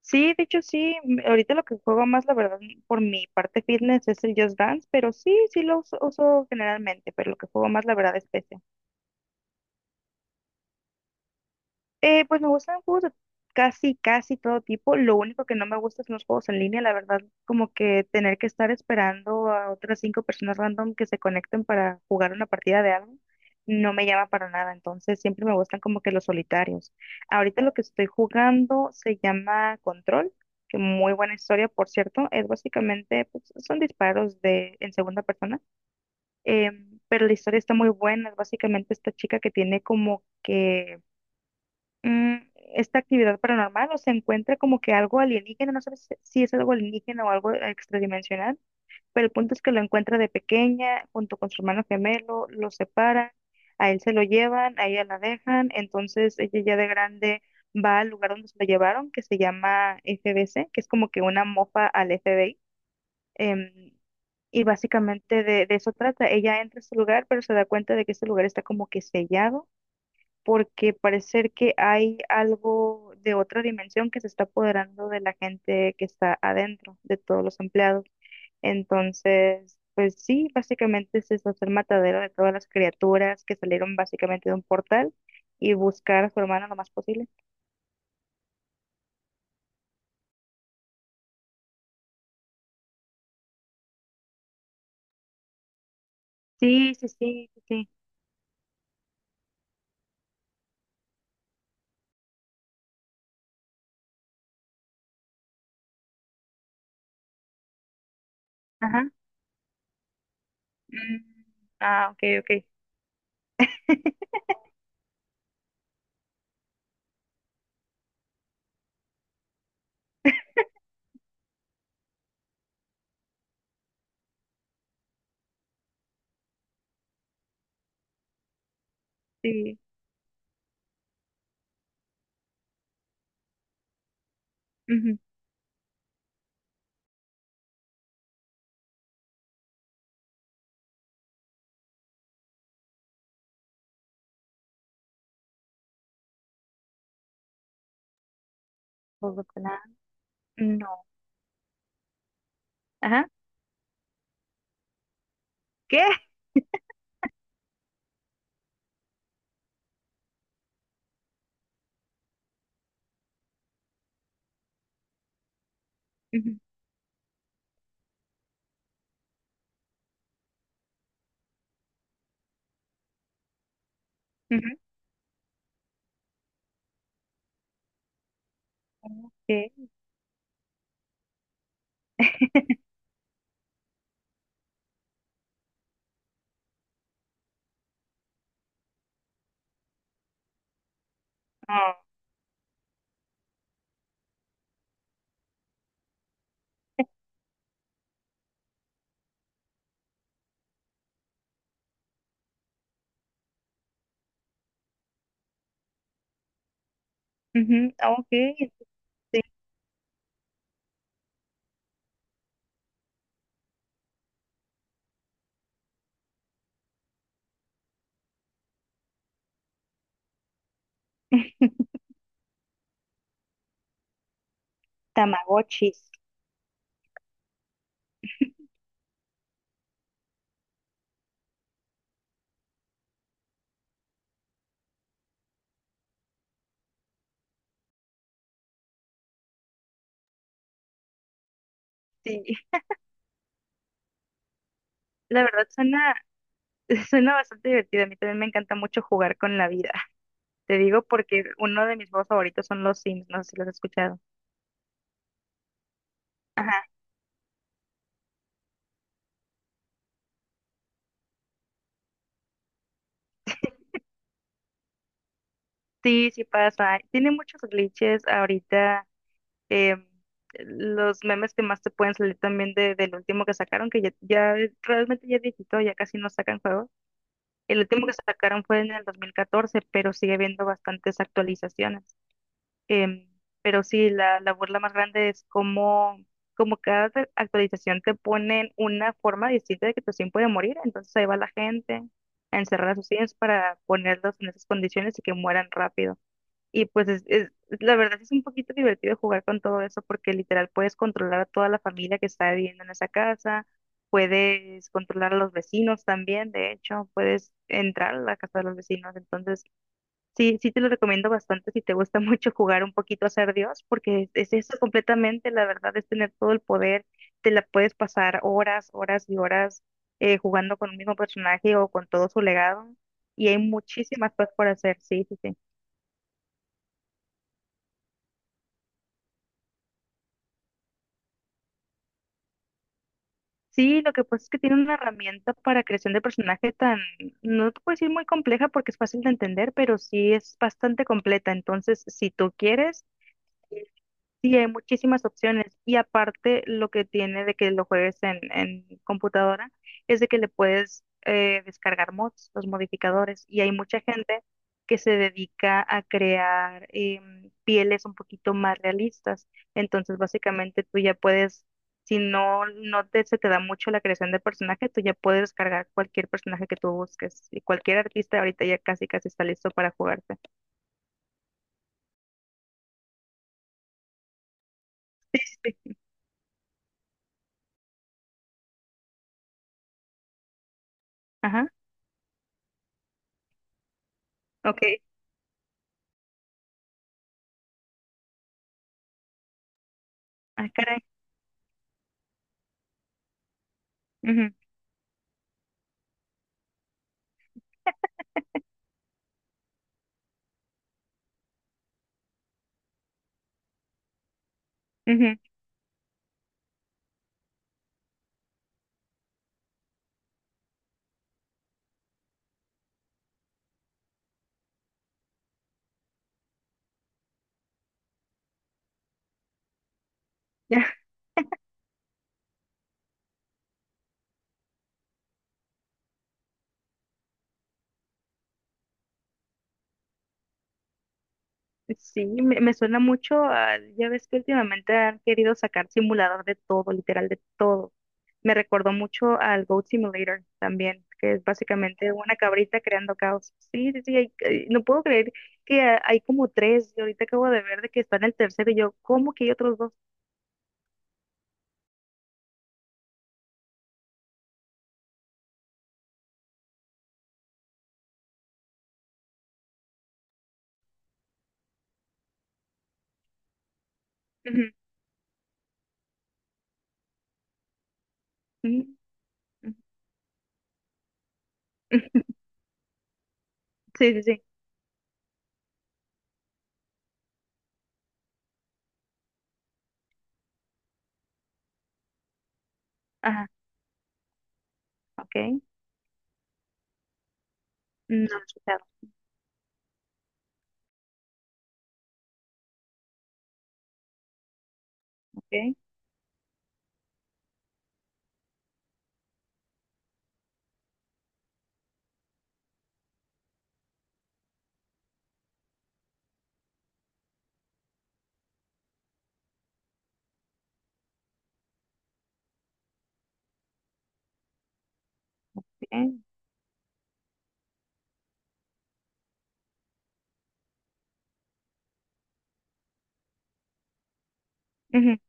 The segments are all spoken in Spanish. Sí, de hecho sí, ahorita lo que juego más, la verdad, por mi parte fitness es el Just Dance, pero sí, sí lo uso, uso generalmente, pero lo que juego más, la verdad, es PC. Pues me gustan juegos de casi todo tipo. Lo único que no me gusta son los juegos en línea, la verdad, como que tener que estar esperando a otras cinco personas random que se conecten para jugar una partida de algo, no me llama para nada. Entonces siempre me gustan como que los solitarios. Ahorita lo que estoy jugando se llama Control, que muy buena historia, por cierto. Es básicamente, pues, son disparos de en segunda persona, pero la historia está muy buena. Es básicamente esta chica que tiene como que mm, esta actividad paranormal o se encuentra como que algo alienígena, no sabes si es algo alienígena o algo extradimensional, pero el punto es que lo encuentra de pequeña junto con su hermano gemelo, lo separan, a él se lo llevan, a ella la dejan, entonces ella ya de grande va al lugar donde se lo llevaron, que se llama FBC, que es como que una mofa al FBI. em, y básicamente de eso trata. Ella entra a ese lugar, pero se da cuenta de que ese lugar está como que sellado porque parece que hay algo de otra dimensión que se está apoderando de la gente que está adentro, de todos los empleados. Entonces, pues sí, básicamente es eso, hacer matadero de todas las criaturas que salieron básicamente de un portal y buscar a su hermana lo más posible. Sí, sí, sí, sí, sí. Ajá. Mm, ah, ok, ok. Sí. Ujú. Todo claro. No. Ajá. ¿Qué? Ujú, ujú. Ok. Ah. Ujú, ah, ok. Tamagotchis. Sí, la verdad suena, suena bastante divertido. A mí también me encanta mucho jugar con la vida. Te digo porque uno de mis juegos favoritos son los Sims, no sé si los has escuchado. Ajá, sí, sí pasa. Tiene muchos glitches ahorita. em, los memes que más te pueden salir también del último que sacaron, que realmente ya es viejito, ya casi no sacan juegos. El último que sacaron fue en el 2014 pero sigue habiendo bastantes actualizaciones. Em, pero sí, la burla más grande es cómo, como cada actualización te ponen una forma distinta de que tu sim puede morir. Entonces ahí va la gente a encerrar a sus sims para ponerlos en esas condiciones y que mueran rápido. Y pues la verdad es un poquito divertido jugar con todo eso porque literal puedes controlar a toda la familia que está viviendo en esa casa. Puedes controlar a los vecinos también, de hecho, puedes entrar a la casa de los vecinos. Entonces, sí, sí te lo recomiendo bastante si te gusta mucho jugar un poquito a ser Dios, porque es, eso completamente, la verdad, es tener todo el poder, te la puedes pasar horas, horas y horas jugando con un mismo personaje o con todo su legado, y hay muchísimas cosas por hacer, sí, sí, sí. Sí, lo que pasa es que tiene una herramienta para creación de personaje tan, no te puedo decir muy compleja porque es fácil de entender, pero sí es bastante completa, entonces si tú quieres... Sí, hay muchísimas opciones y aparte lo que tiene de que lo juegues en computadora es de que le puedes descargar mods, los modificadores, y hay mucha gente que se dedica a crear pieles un poquito más realistas. Entonces, básicamente tú ya puedes, si no, no te, se te da mucho la creación de personaje, tú ya puedes descargar cualquier personaje que tú busques y cualquier artista ahorita ya casi casi está listo para jugarte. Sí, sí. Ajá, ok. Ah, caray. Ujú, ujú. Ya. Sí, me suena mucho a, ya ves que últimamente han querido sacar simulador de todo, literal de todo. Me recordó mucho al Goat Simulator también, que es básicamente una cabrita creando caos. Sí, sí, sí, no puedo creer que hay como tres, y ahorita acabo de ver de que está en el tercero, y yo, ¿cómo que hay otros dos? Ujú, ujú, ujú. Sí, sí, sí, ajá, ok, no lo he escuchado, ok, bien.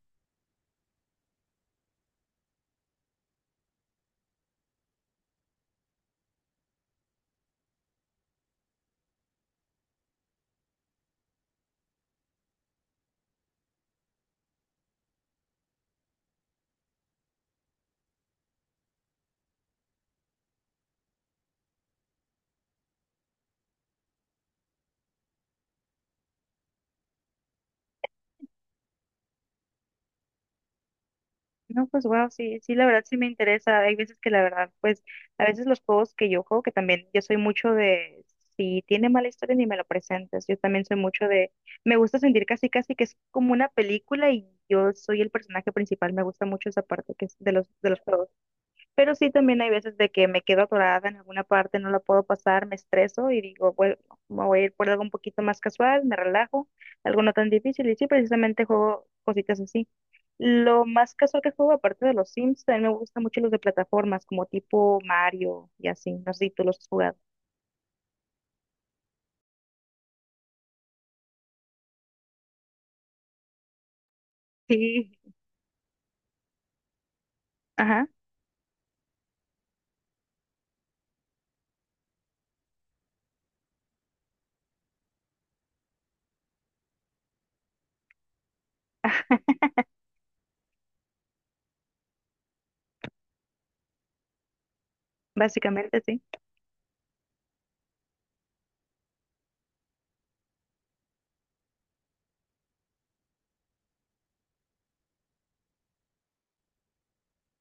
No, pues wow, sí, sí, la verdad sí me interesa. Hay veces que la verdad, pues a veces los juegos que yo juego, que también yo soy mucho de, si tiene mala historia ni me lo presentes, yo también soy mucho de, me gusta sentir casi casi que es como una película y yo soy el personaje principal, me gusta mucho esa parte que es de de los juegos. Pero sí, también hay veces de que me quedo atorada en alguna parte, no la puedo pasar, me estreso y digo, bueno, me voy a ir por algo un poquito más casual, me relajo, algo no tan difícil. Y sí, precisamente juego cositas así. Lo más casual que juego, aparte de los Sims, también me gustan mucho los de plataformas, como tipo Mario y así. No sé si tú los has jugado. Sí. Ajá, básicamente sí.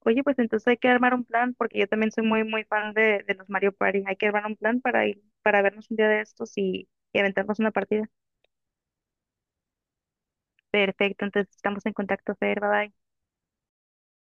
Oye, pues entonces hay que armar un plan, porque yo también soy muy, muy fan de los Mario Party. Hay que armar un plan para ir, para vernos un día de estos y aventarnos una partida. Perfecto, entonces estamos en contacto, Fer, bye bye.